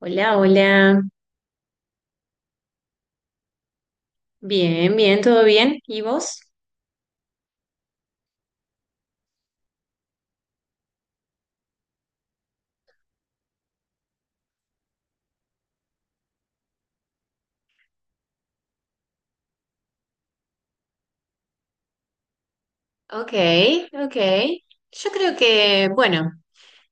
Hola, hola. Bien, bien, todo bien. ¿Y vos? Ok, ok. Yo creo que, bueno,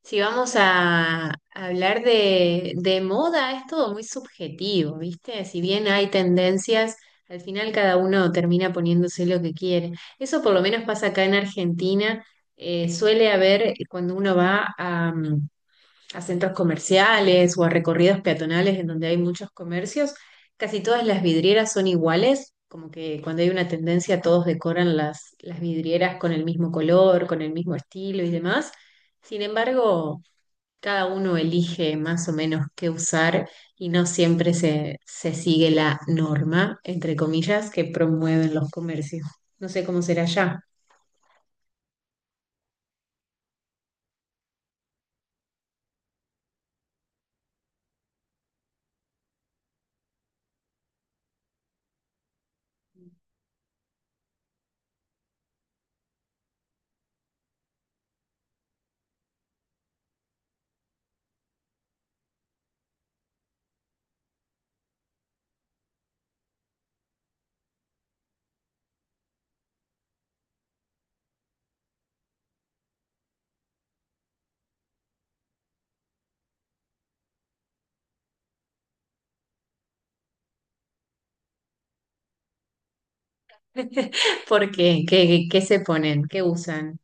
si vamos a hablar de moda, es todo muy subjetivo, ¿viste? Si bien hay tendencias, al final cada uno termina poniéndose lo que quiere. Eso por lo menos pasa acá en Argentina. Suele haber, cuando uno va a a centros comerciales o a recorridos peatonales en donde hay muchos comercios, casi todas las vidrieras son iguales, como que cuando hay una tendencia todos decoran las vidrieras con el mismo color, con el mismo estilo y demás. Sin embargo, cada uno elige más o menos qué usar y no siempre se sigue la norma, entre comillas, que promueven los comercios. No sé cómo será ya. ¿Por qué? ¿Qué se ponen? ¿Qué usan?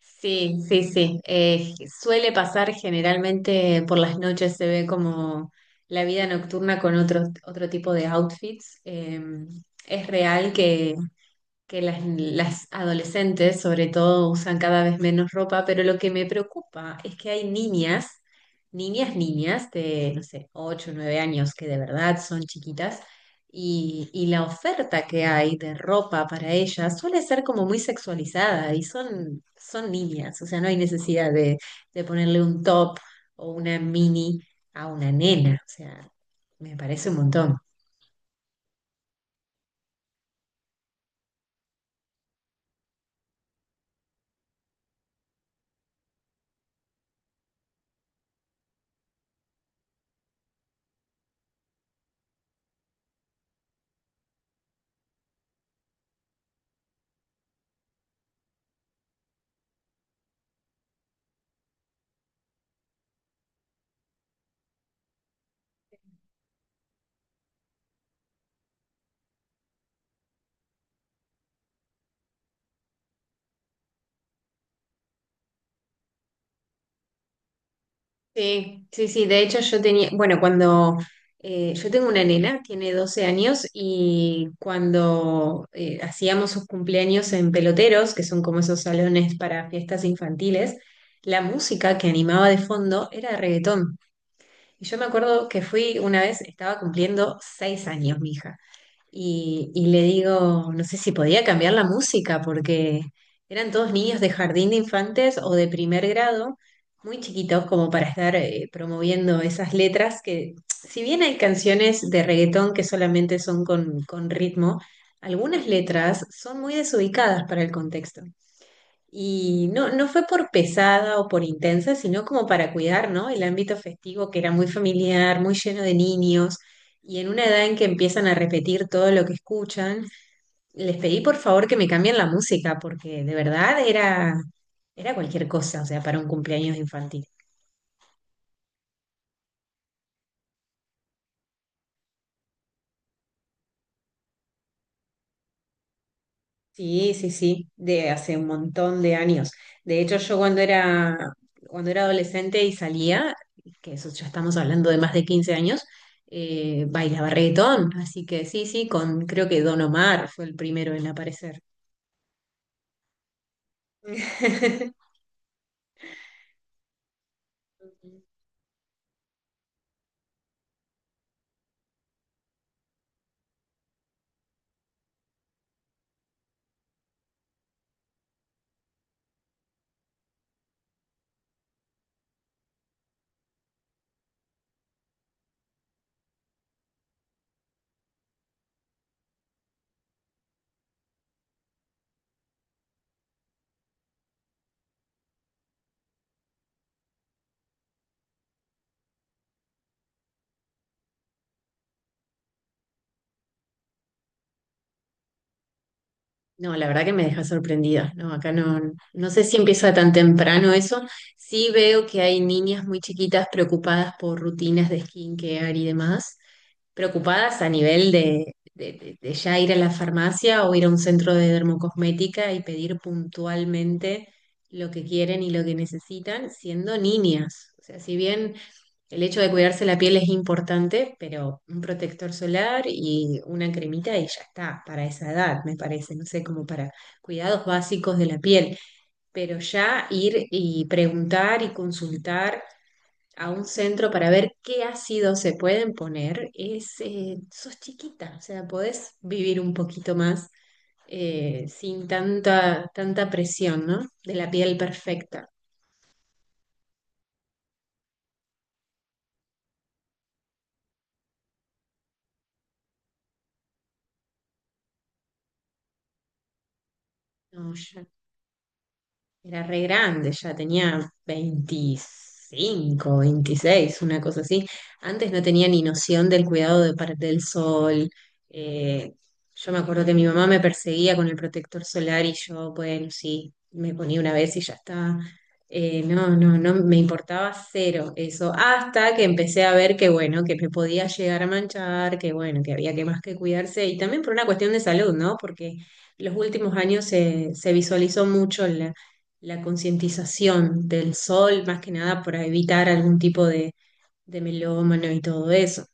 Sí, sí, sí. Suele pasar generalmente por las noches, se ve como la vida nocturna con otro tipo de outfits. Es real que las adolescentes sobre todo usan cada vez menos ropa, pero lo que me preocupa es que hay niñas, niñas de, no sé, 8 o 9 años que de verdad son chiquitas y la oferta que hay de ropa para ellas suele ser como muy sexualizada y son niñas, o sea, no hay necesidad de ponerle un top o una mini a una nena, o sea, me parece un montón. Sí, sí, sí, de hecho yo tenía, bueno, cuando yo tengo una nena, tiene 12 años y cuando hacíamos sus cumpleaños en peloteros, que son como esos salones para fiestas infantiles, la música que animaba de fondo era reggaetón. Y yo me acuerdo que fui una vez, estaba cumpliendo 6 años mi hija, y le digo, no sé si podía cambiar la música, porque eran todos niños de jardín de infantes o de primer grado, muy chiquitos como para estar promoviendo esas letras que, si bien hay canciones de reggaetón que solamente son con ritmo, algunas letras son muy desubicadas para el contexto. Y no, no fue por pesada o por intensa, sino como para cuidar, ¿no? El ámbito festivo que era muy familiar, muy lleno de niños, y en una edad en que empiezan a repetir todo lo que escuchan, les pedí por favor que me cambien la música, porque de verdad era, era cualquier cosa, o sea, para un cumpleaños infantil. Sí, sí, sí, de hace un montón de años. De hecho, cuando era adolescente y salía, que eso ya estamos hablando de más de 15 años, bailaba reggaetón. Así que sí, sí, con creo que Don Omar fue el primero en aparecer. No, la verdad que me deja sorprendida. No, acá no, no sé si empieza tan temprano eso. Sí veo que hay niñas muy chiquitas preocupadas por rutinas de skincare y demás, preocupadas a nivel de ya ir a la farmacia o ir a un centro de dermocosmética y pedir puntualmente lo que quieren y lo que necesitan, siendo niñas. O sea, si bien el hecho de cuidarse la piel es importante, pero un protector solar y una cremita y ya está, para esa edad, me parece, no sé, como para cuidados básicos de la piel, pero ya ir y preguntar y consultar a un centro para ver qué ácidos se pueden poner, es, sos chiquita, o sea, podés vivir un poquito más sin tanta presión, ¿no? De la piel perfecta. No, yo era re grande, ya tenía 25 26 una cosa así. Antes no tenía ni noción del del sol. Eh, yo me acuerdo que mi mamá me perseguía con el protector solar y yo, bueno, sí, me ponía una vez y ya está. No, me importaba cero eso, hasta que empecé a ver que, bueno, que me podía llegar a manchar, que, bueno, que había que más que cuidarse y también por una cuestión de salud, ¿no? Porque los últimos años se visualizó mucho la concientización del sol, más que nada para evitar algún tipo de melómano y todo eso.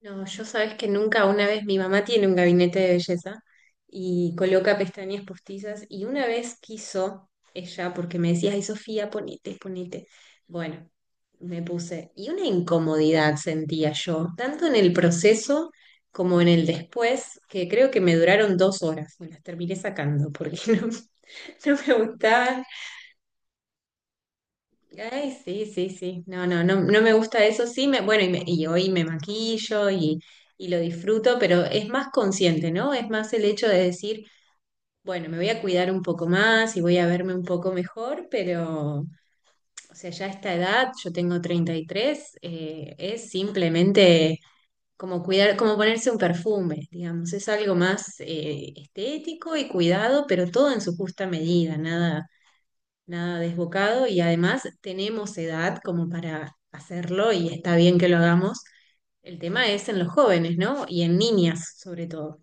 No, yo sabes que nunca, una vez mi mamá tiene un gabinete de belleza y coloca pestañas postizas y una vez quiso ella, porque me decía, ay Sofía, ponete, ponete. Bueno, me puse y una incomodidad sentía yo, tanto en el proceso como en el después, que creo que me duraron 2 horas, me las terminé sacando porque no, no me gustaban. Ay, sí, sí, sí. No, no, no, no me gusta eso. Sí, me, bueno, y hoy me maquillo y lo disfruto, pero es más consciente, ¿no? Es más el hecho de decir, bueno, me voy a cuidar un poco más y voy a verme un poco mejor, pero, o sea, ya a esta edad, yo tengo 33, es simplemente como cuidar, como ponerse un perfume, digamos. Es algo más estético y cuidado, pero todo en su justa medida, nada desbocado y además tenemos edad como para hacerlo y está bien que lo hagamos. El tema es en los jóvenes, ¿no? Y en niñas, sobre todo.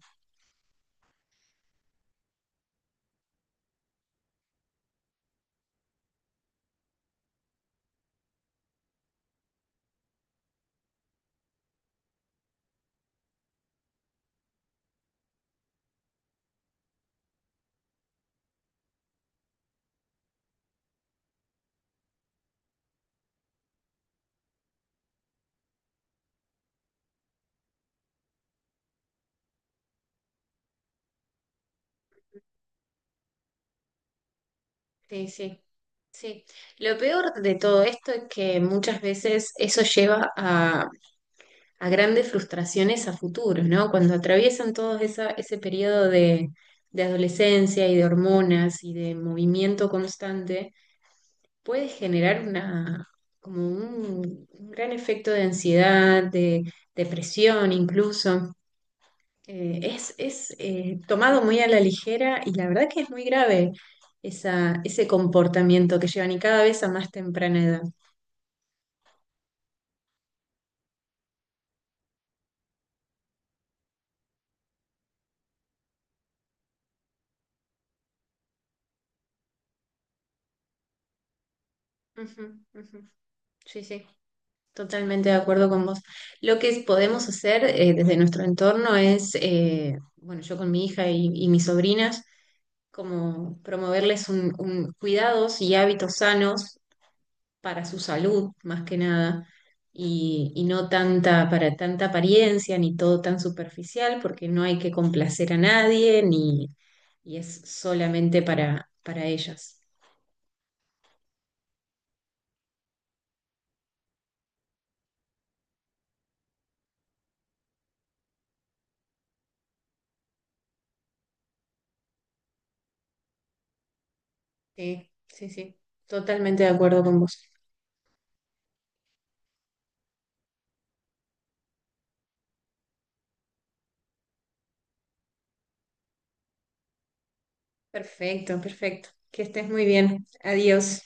Sí, sí, sí. Lo peor de todo esto es que muchas veces eso lleva a grandes frustraciones a futuros, ¿no? Cuando atraviesan ese periodo de adolescencia y de hormonas y de movimiento constante. Puede generar como un gran efecto de ansiedad, de depresión incluso. Es tomado muy a la ligera y la verdad que es muy grave esa, ese comportamiento que llevan y cada vez a más temprana edad. Ujú, ujú. Sí, sí, totalmente de acuerdo con vos. Lo que podemos hacer desde nuestro entorno es, bueno, yo con mi hija y mis sobrinas, como promoverles un cuidados y hábitos sanos para su salud más que nada y, y no tanta para tanta apariencia ni todo tan superficial porque no hay que complacer a nadie ni y es solamente para ellas. Sí, sí, sí, totalmente de acuerdo con vos. Perfecto, perfecto. Que estés muy bien. Adiós.